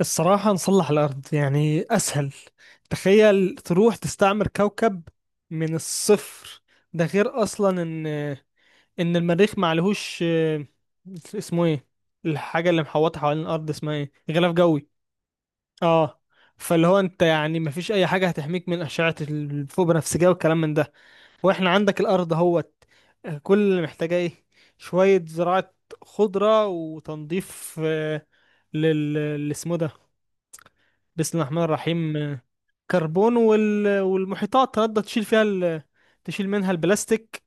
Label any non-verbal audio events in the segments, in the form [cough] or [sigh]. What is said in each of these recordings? الصراحة نصلح الأرض يعني أسهل. تخيل تروح تستعمر كوكب من الصفر. ده غير أصلا إن المريخ معلهوش اسمه إيه؟ الحاجة اللي محوطة حوالين الأرض اسمها إيه؟ غلاف جوي. آه. فاللي هو أنت يعني مفيش أي حاجة هتحميك من أشعة الفوق بنفسجية والكلام من ده. وإحنا عندك الأرض اهوت، كل اللي محتاجاه إيه؟ شوية زراعة، خضرة، وتنظيف اللي اسمه ده، بسم الله الرحمن الرحيم، كربون والمحيطات تقدر تشيل فيها تشيل منها البلاستيك.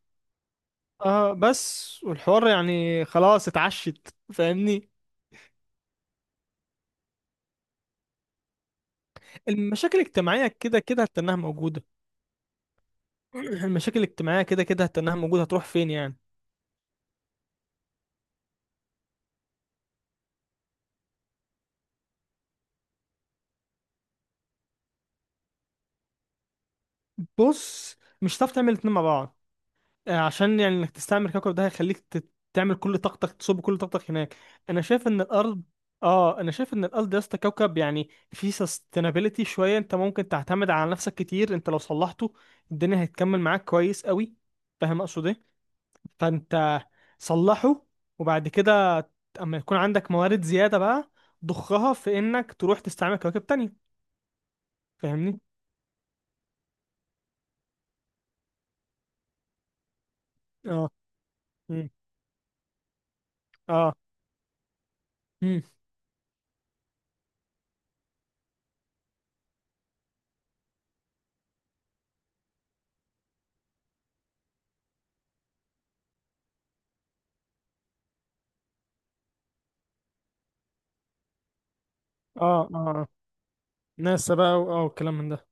اه بس والحوار يعني خلاص اتعشت، فاهمني. المشاكل الاجتماعية كده كده هتنها موجودة. [clears throat] المشاكل الاجتماعية كده كده هتنها موجودة، هتروح فين يعني؟ بص، مش هتعرف تعمل الاتنين مع بعض. عشان يعني انك تستعمر كوكب ده هيخليك تعمل كل طاقتك، تصب كل طاقتك هناك. انا شايف ان الارض، اه انا شايف ان الارض يا اسطى كوكب يعني فيه sustainability شويه، انت ممكن تعتمد على نفسك كتير، انت لو صلحته الدنيا هتكمل معاك كويس قوي. فاهم اقصد ايه؟ فانت صلحه، وبعد كده اما يكون عندك موارد زياده بقى ضخها في انك تروح تستعمل كواكب تانية. فاهمني؟ اه. مم. اه. مم. اه اه آه. ناسا بقى اه والكلام من ده.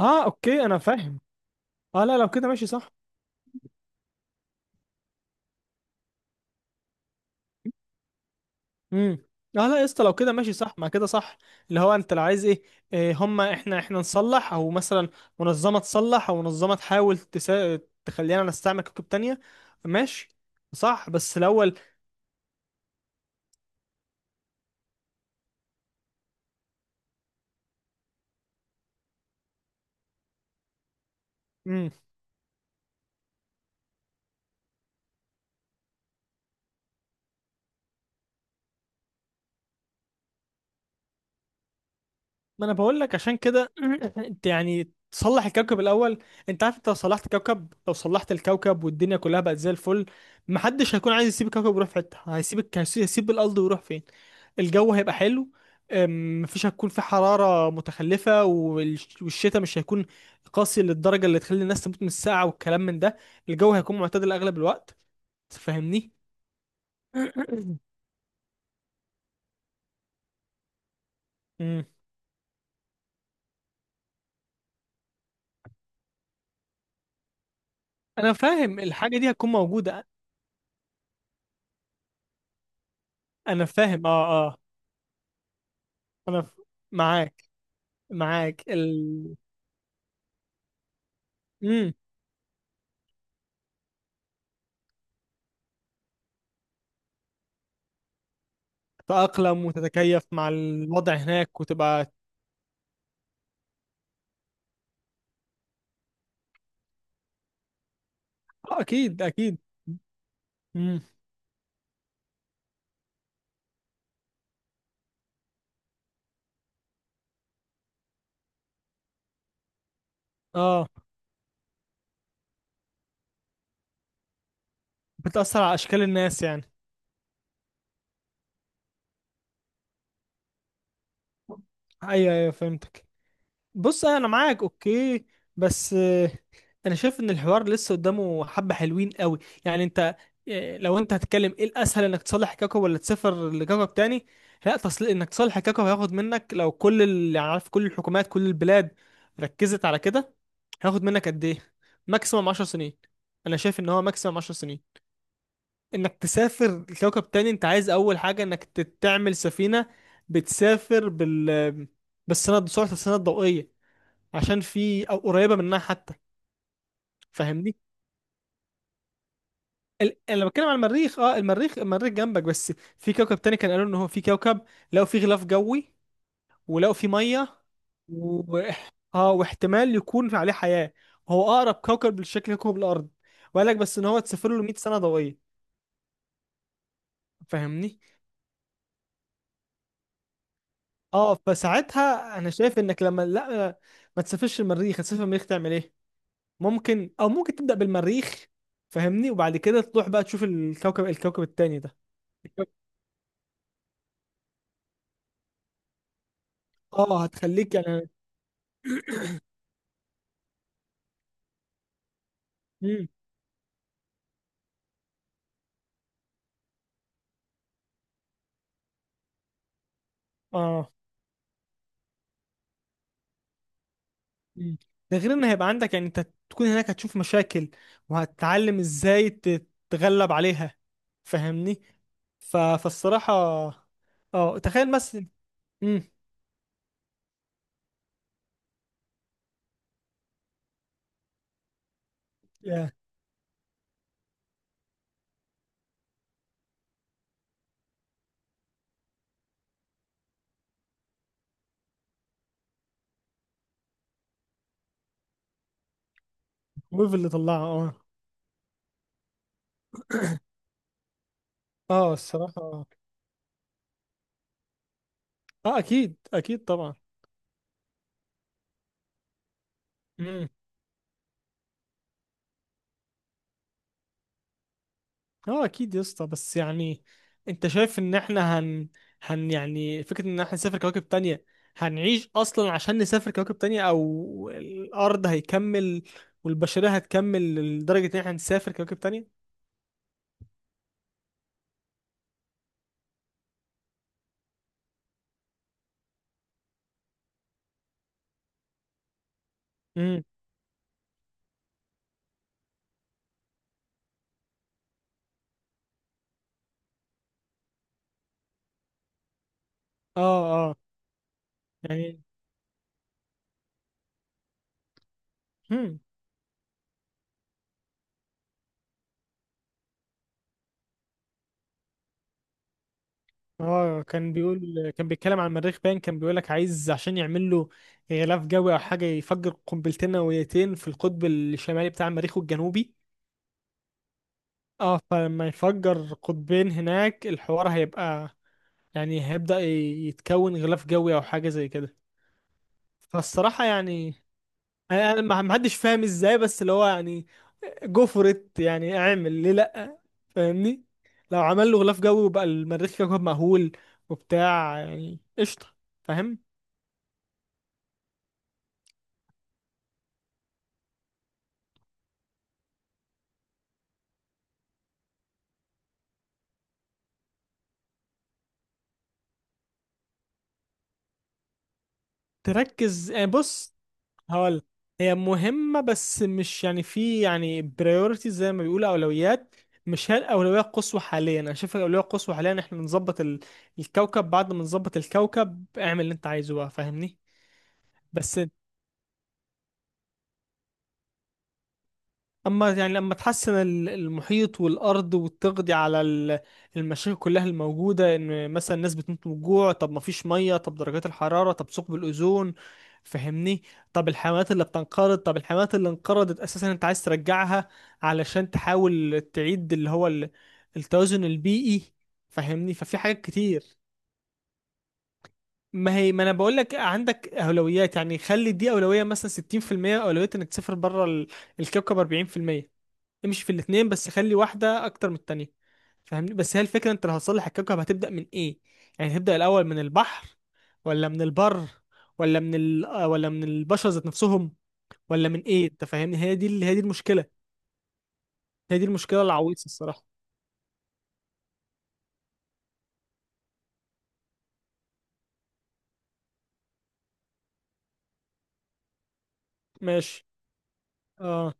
اه اوكي انا فاهم. اه لا لو كده ماشي صح. امم. اه لا يا اسطى لو كده ماشي صح، ما كده صح. اللي هو انت لو عايز ايه، إيه هما احنا نصلح، او مثلا منظمه تصلح، او منظمه تحاول تخلينا نستعمل كتب تانية. ماشي، صح، بس الاول ما انا بقول لك عشان كده [clears throat] انت يعني تصلح الكوكب الاول. انت عارف انت لو صلحت كوكب، لو صلحت الكوكب والدنيا كلها بقت زي الفل، محدش هيكون عايز يسيب الكوكب ويروح في حته، هيسيب هيسيب الارض ويروح فين؟ الجو هيبقى حلو. مفيش، هتكون في حرارة متخلفة، والشتاء مش هيكون قاسي للدرجة اللي تخلي الناس تموت من السقعة والكلام من ده. الجو هيكون معتدل أغلب الوقت، تفهمني؟ [clears throat] أمم. [coughs] أنا فاهم، الحاجة دي هتكون موجودة. أنا فاهم، أه. أنا ف- معاك. معاك مم. تتأقلم وتتكيف مع الوضع هناك وتبقى. آه، أكيد. مم. اه بتأثر على أشكال الناس يعني. أيوه، فهمتك. بص أنا معاك، أوكي، بس انا شايف ان الحوار لسه قدامه حبة حلوين قوي. يعني انت إيه، لو انت هتتكلم، ايه الاسهل، انك تصلح كاكو ولا تسافر لكاكو تاني؟ لا، تصل انك تصلح كاكو هياخد منك، لو كل اللي عارف، كل الحكومات، كل البلاد ركزت على كده هياخد منك قد ايه؟ ماكسيمم 10 سنين. انا شايف ان هو ماكسيمم 10 سنين. انك تسافر لكوكب تاني انت عايز اول حاجة انك تعمل سفينة بتسافر بالسنة، بسرعة السنة الضوئية، عشان في، او قريبة منها حتى. انا لما بتكلم على المريخ، اه المريخ جنبك، بس في كوكب تاني كان قالوا ان هو في كوكب لقوا فيه غلاف جوي، ولقوا فيه ميه، و... اه واحتمال يكون عليه حياه. هو اقرب كوكب لشكل كوكب الارض، وقال لك بس ان هو تسافر له 100 سنه ضوئيه. فاهمني؟ اه فساعتها انا شايف انك لما لا، ما تسافرش المريخ، هتسافر المريخ تعمل ايه؟ ممكن، او ممكن تبدا بالمريخ، فاهمني، وبعد كده تروح بقى تشوف الكوكب التاني ده. اه هتخليك يعني. مم. اه. مم. ده غير ان هيبقى عندك يعني، انت تكون هناك هتشوف مشاكل وهتتعلم ازاي تتغلب عليها، فاهمني. فالصراحة، اه تخيل مثلا. امم. يا ويف اللي طلعها. اه اه الصراحة. اه اكيد طبعا. مم. اه اكيد يا اسطى، بس يعني انت شايف ان احنا هن يعني، فكرة ان احنا نسافر كواكب تانية، هنعيش اصلا عشان نسافر كواكب تانية، او الارض هيكمل والبشرية هتكمل لدرجة ان احنا نسافر كواكب تانية؟ امم. اه اه يعني. امم. اه كان بيقول، كان بيتكلم عن المريخ باين، كان بيقول لك عايز عشان يعمل له غلاف جوي او حاجة يفجر قنبلتين نوويتين في القطب الشمالي بتاع المريخ والجنوبي. اه فلما يفجر قطبين هناك الحوار هيبقى، يعني هيبدأ يتكون غلاف جوي او حاجة زي كده. فالصراحة يعني انا ما حدش فاهم ازاي، بس اللي هو يعني جفرت، يعني اعمل ليه لا، فاهمني. لو عمل له غلاف جوي وبقى المريخ كوكب مأهول وبتاع، يعني قشطة، فاهم. تركز يعني، بص هقول. هي مهمة بس مش يعني في يعني بريورتي، زي ما بيقولوا أولويات. مش هي الأولوية القصوى حاليا. أنا شايف الأولوية القصوى حاليا إحنا نظبط الكوكب. بعد ما نظبط الكوكب اعمل اللي أنت عايزه بقى، فاهمني؟ بس اما يعني لما تحسن المحيط والارض، وتقضي على المشاكل كلها الموجوده، ان مثلا الناس بتموت من الجوع، طب ما فيش ميه، طب درجات الحراره، طب ثقب الاوزون، فهمني. طب الحيوانات اللي بتنقرض، طب الحيوانات اللي انقرضت اساسا انت عايز ترجعها علشان تحاول تعيد اللي هو التوازن البيئي، فهمني. ففي حاجات كتير. ما هي ما انا بقول لك عندك اولويات، يعني خلي دي اولويه مثلا 60% اولويه انك تسافر بره الكوكب 40%، امشي في الاتنين بس خلي واحدة أكتر من التانية، فاهمني. بس هي الفكرة، أنت لو هتصلح الكوكب هتبدأ من إيه؟ يعني هتبدأ الأول من البحر، ولا من البر، ولا من ال... آه، ولا من البشر ذات نفسهم، ولا من إيه؟ أنت فاهمني، هي دي هي دي المشكلة. هي دي المشكلة العويصة الصراحة. ماشي. اه.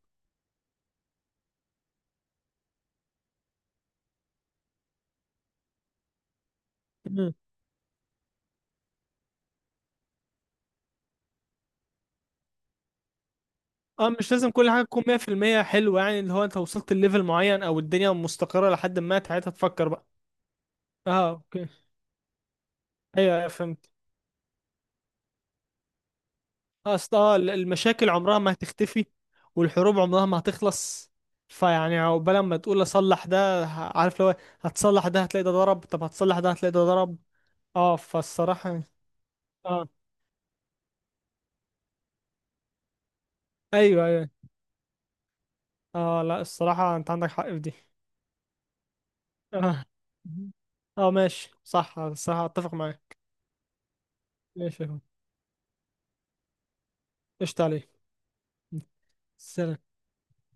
[clears throat] مم. اه مش لازم كل حاجة تكون 100% حلوة، يعني اللي هو أنت وصلت لليفل معين، أو الدنيا مستقرة لحد ما، ساعتها تفكر بقى. اه اوكي. ايوه، أيوة، فهمت. اصل المشاكل عمرها ما هتختفي، والحروب عمرها ما هتخلص. فيعني عقبال ما تقول اصلح ده، عارف، لو هتصلح ده هتلاقي ده ضرب، طب هتصلح ده هتلاقي ده ضرب. اه فالصراحة يعني. اه. ايوه. اه لا الصراحة انت عندك حق في دي. اه اه ماشي صح، الصراحة اتفق معاك. ماشي يا أخوي. قشطة عليك. سلام.